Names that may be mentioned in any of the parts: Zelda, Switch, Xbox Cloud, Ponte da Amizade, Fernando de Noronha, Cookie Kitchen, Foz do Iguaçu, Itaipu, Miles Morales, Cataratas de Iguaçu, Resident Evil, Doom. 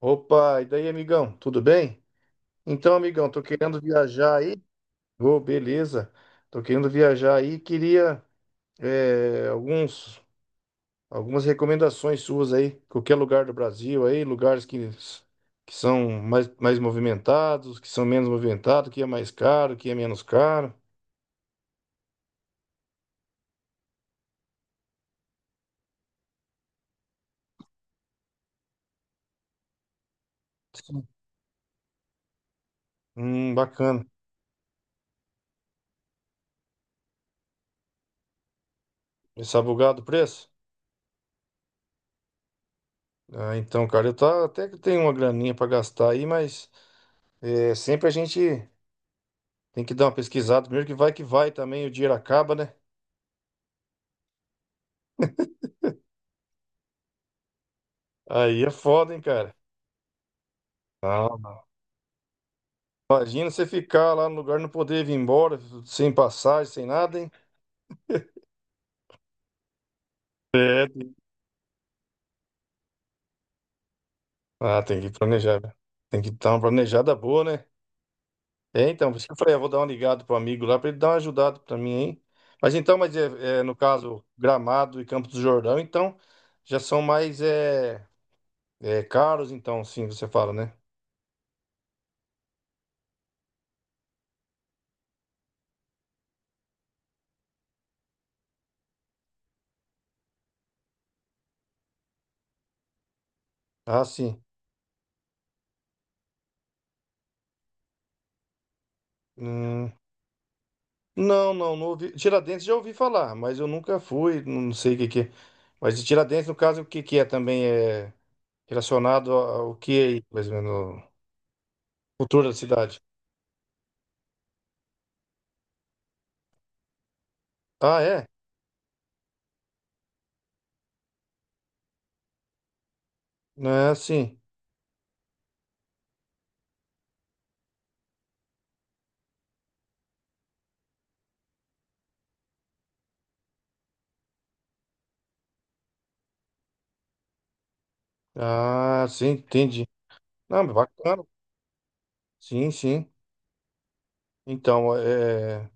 Opa, e daí, amigão? Tudo bem? Então, amigão, tô querendo viajar aí. Ô, beleza. Tô querendo viajar aí. Queria é, alguns, algumas recomendações suas aí. Qualquer lugar do Brasil aí, lugares que são mais movimentados, que são menos movimentados, que é mais caro, que é menos caro. Sim. Bacana. Esse abogado preço? Ah, então, cara, eu tá, até que tenho uma graninha pra gastar aí, mas sempre a gente. Tem que dar uma pesquisada primeiro, que vai também, o dinheiro acaba, né? Aí é foda, hein, cara? Não, não. Imagina você ficar lá no lugar e não poder vir embora, sem passagem, sem nada, hein? É. tem- Ah, tem que planejar, né? Tem que dar uma planejada boa, né? É, então, por isso que eu falei, eu vou dar uma ligada pro amigo lá pra ele dar uma ajudada pra mim, hein? Mas então, mas no caso, Gramado e Campos do Jordão, então, já são mais caros, então, sim, você fala, né? Ah, sim. Hum. Não, não, não ouvi. Tiradentes já ouvi falar, mas eu nunca fui, não sei o que que é. Mas de Tiradentes, no caso, o que que é também é relacionado ao que é, aí, mais ou menos, cultura da cidade. Ah, é? É, sim. Ah, sim, entendi. Não, mas bacana. Sim, sim. Então, é...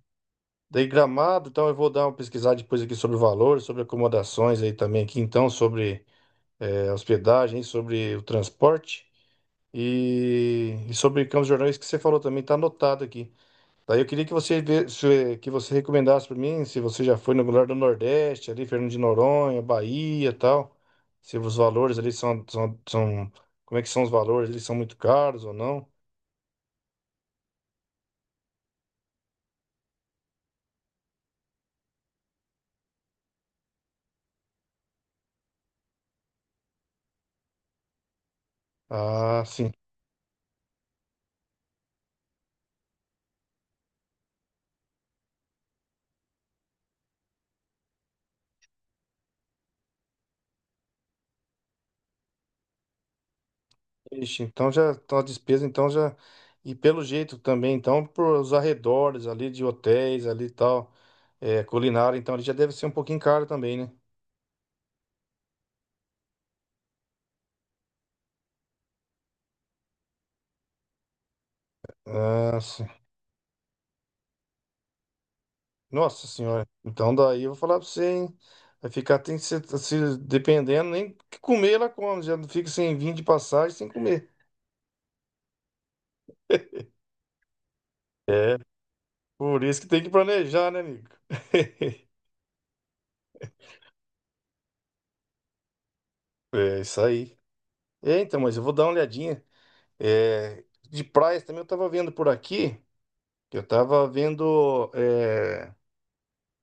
Daí Gramado, então eu vou dar uma pesquisada depois aqui sobre o valor, sobre acomodações aí também aqui, então, sobre hospedagem, sobre o transporte e sobre Campos Jordães que você falou também, tá anotado aqui. Daí eu queria que você recomendasse para mim, se você já foi no lugar do Nordeste, ali, Fernando de Noronha, Bahia, e tal. Se os valores ali são, são, são- Como é que são os valores? Eles são muito caros ou não? Ah, sim. Ixi, então já a despesa então já e pelo jeito também, então por os arredores ali de hotéis ali e tal, culinária, então ele já deve ser um pouquinho caro também, né? Ah, Nossa Senhora. Então daí eu vou falar pra você, hein? Vai ficar, tem que ser, se, dependendo, nem que comer ela come, já não fica sem vinho de passagem, sem comer. É, por isso que tem que planejar, né, amigo? É, isso aí. É, então, mas eu vou dar uma olhadinha. É, de praias também eu tava vendo por aqui, eu tava vendo. É,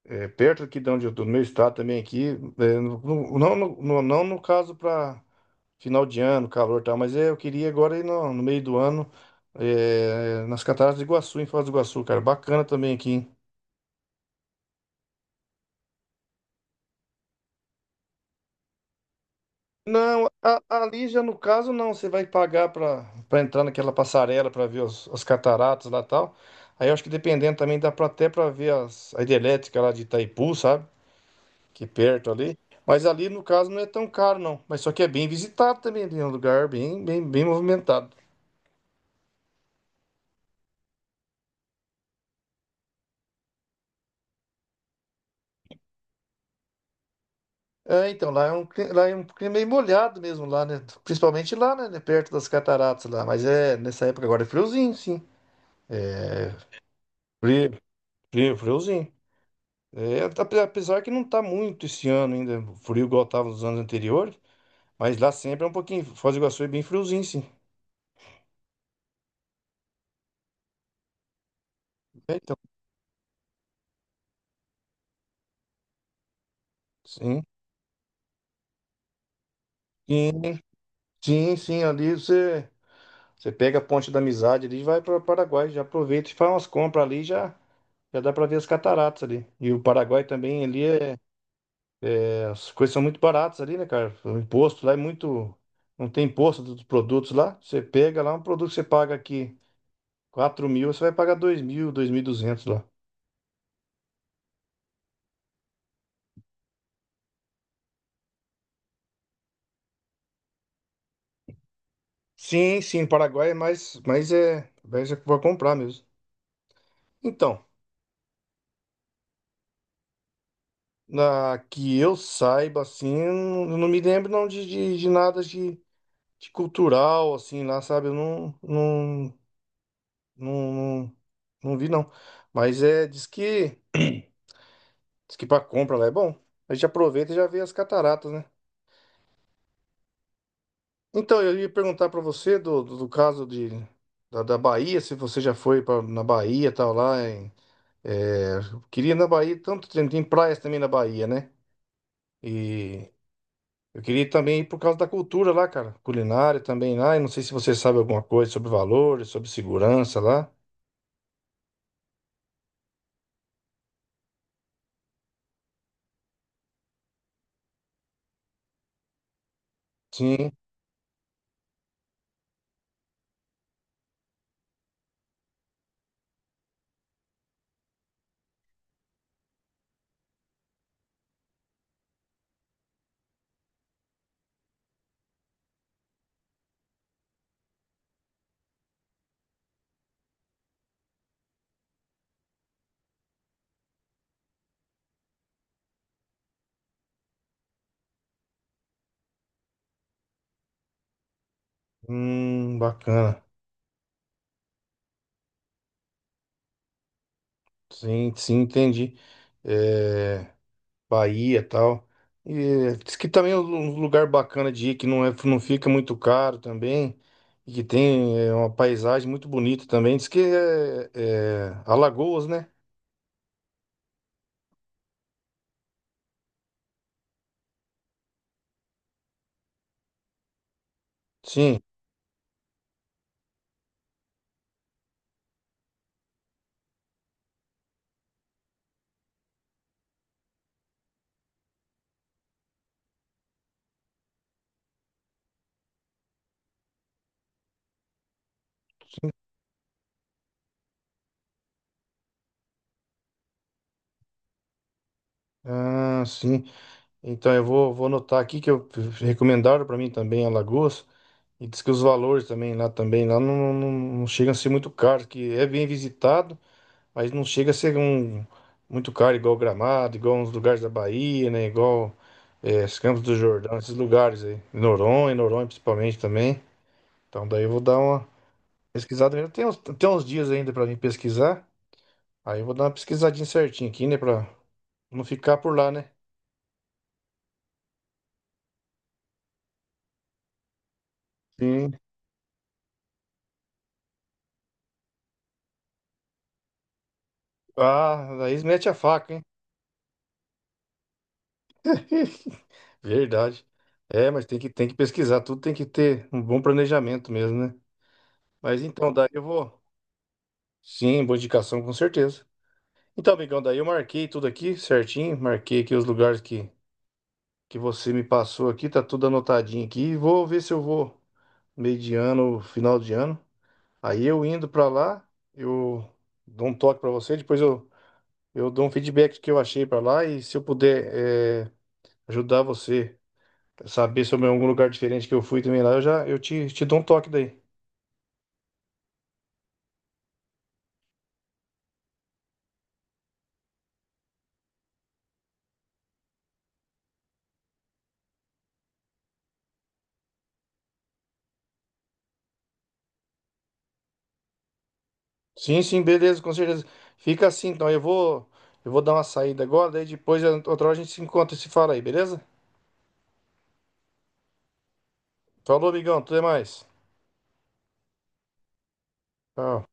É, perto aqui de onde eu tô, no meu estado também aqui, não no caso para final de ano, calor e tal, mas é, eu queria agora ir no meio do ano nas Cataratas de Iguaçu, em Foz do Iguaçu, cara, bacana também aqui, hein? Ali já no caso não, você vai pagar para entrar naquela passarela para ver as cataratas lá e tal. Aí eu acho que dependendo também dá para ver a hidrelétrica lá de Itaipu, sabe? Que perto ali. Mas ali, no caso, não é tão caro, não. Mas só que é bem visitado também, ali é um lugar bem movimentado. Lá é um clima meio molhado mesmo, lá, né? Principalmente lá, né? Perto das cataratas lá. Mas é, nessa época agora é friozinho, sim. É, frio, frio, friozinho. Apesar que não tá muito esse ano ainda, frio igual tava nos anos anteriores. Mas lá sempre é um pouquinho, Foz do Iguaçu é bem friozinho, sim. É, então, sim. Sim, sim, sim, ali você. Você pega a Ponte da Amizade ali e vai para o Paraguai. Já aproveita e faz umas compras ali, já, já dá para ver as cataratas ali. E o Paraguai também ali, as coisas são muito baratas ali, né, cara? O imposto lá é muito. Não tem imposto dos produtos lá. Você pega lá um produto que você paga aqui 4.000, você vai pagar 2.000, 2.200 lá. Sim, sim, Paraguai é mais é para comprar mesmo. Então, na, que eu saiba assim, eu não me lembro não de nada de de cultural, assim, lá, sabe? Eu não, não, não, não, não vi, não. Mas é, diz que pra compra lá é bom. A gente aproveita e já vê as cataratas, né? Então, eu ia perguntar pra você do caso de, da Bahia, se você já foi pra, na Bahia e tal, lá em, é, eu queria ir na Bahia, tanto tem, tem praias também na Bahia, né? E eu queria também ir por causa da cultura lá, cara, culinária também lá, e não sei se você sabe alguma coisa sobre valores, sobre segurança lá. Sim. Bacana. Sim, sim, entendi. É, Bahia e tal. E diz que também é um lugar bacana de ir, que não é, não fica muito caro também, e que tem uma paisagem muito bonita também. Diz que é Alagoas, né? Sim. Ah, sim. Então eu vou, vou anotar aqui que eu recomendaram para mim também Alagoas. E diz que os valores também lá não, não, não chegam a ser muito caros, que é bem visitado. Mas não chega a ser um muito caro, igual Gramado, igual uns lugares da Bahia, né? Igual os Campos do Jordão, esses lugares aí. Noronha, Noronha principalmente também. Então daí eu vou dar uma pesquisada mesmo. Tem uns dias ainda pra mim pesquisar. Aí eu vou dar uma pesquisadinha certinha aqui, né? Pra não ficar por lá, né? Sim. Ah, daí mete a faca, hein? Verdade. É, mas tem que pesquisar, tudo tem que ter um bom planejamento mesmo, né? Mas então, daí eu vou. Sim, boa indicação, com certeza. Então, amigão, daí eu marquei tudo aqui certinho, marquei aqui os lugares que você me passou aqui, tá tudo anotadinho aqui. Vou ver se eu vou meio de ano, final de ano. Aí eu indo pra lá, eu dou um toque pra você, eu dou um feedback do que eu achei pra lá e se eu puder eh, ajudar você a saber sobre algum lugar diferente que eu fui também lá, eu já te dou um toque daí. Sim, sim, beleza, com certeza. Fica assim, então eu vou dar uma saída agora, daí depois outra hora a gente se encontra e se fala aí, beleza? Falou, amigão. Tudo é mais. Tchau.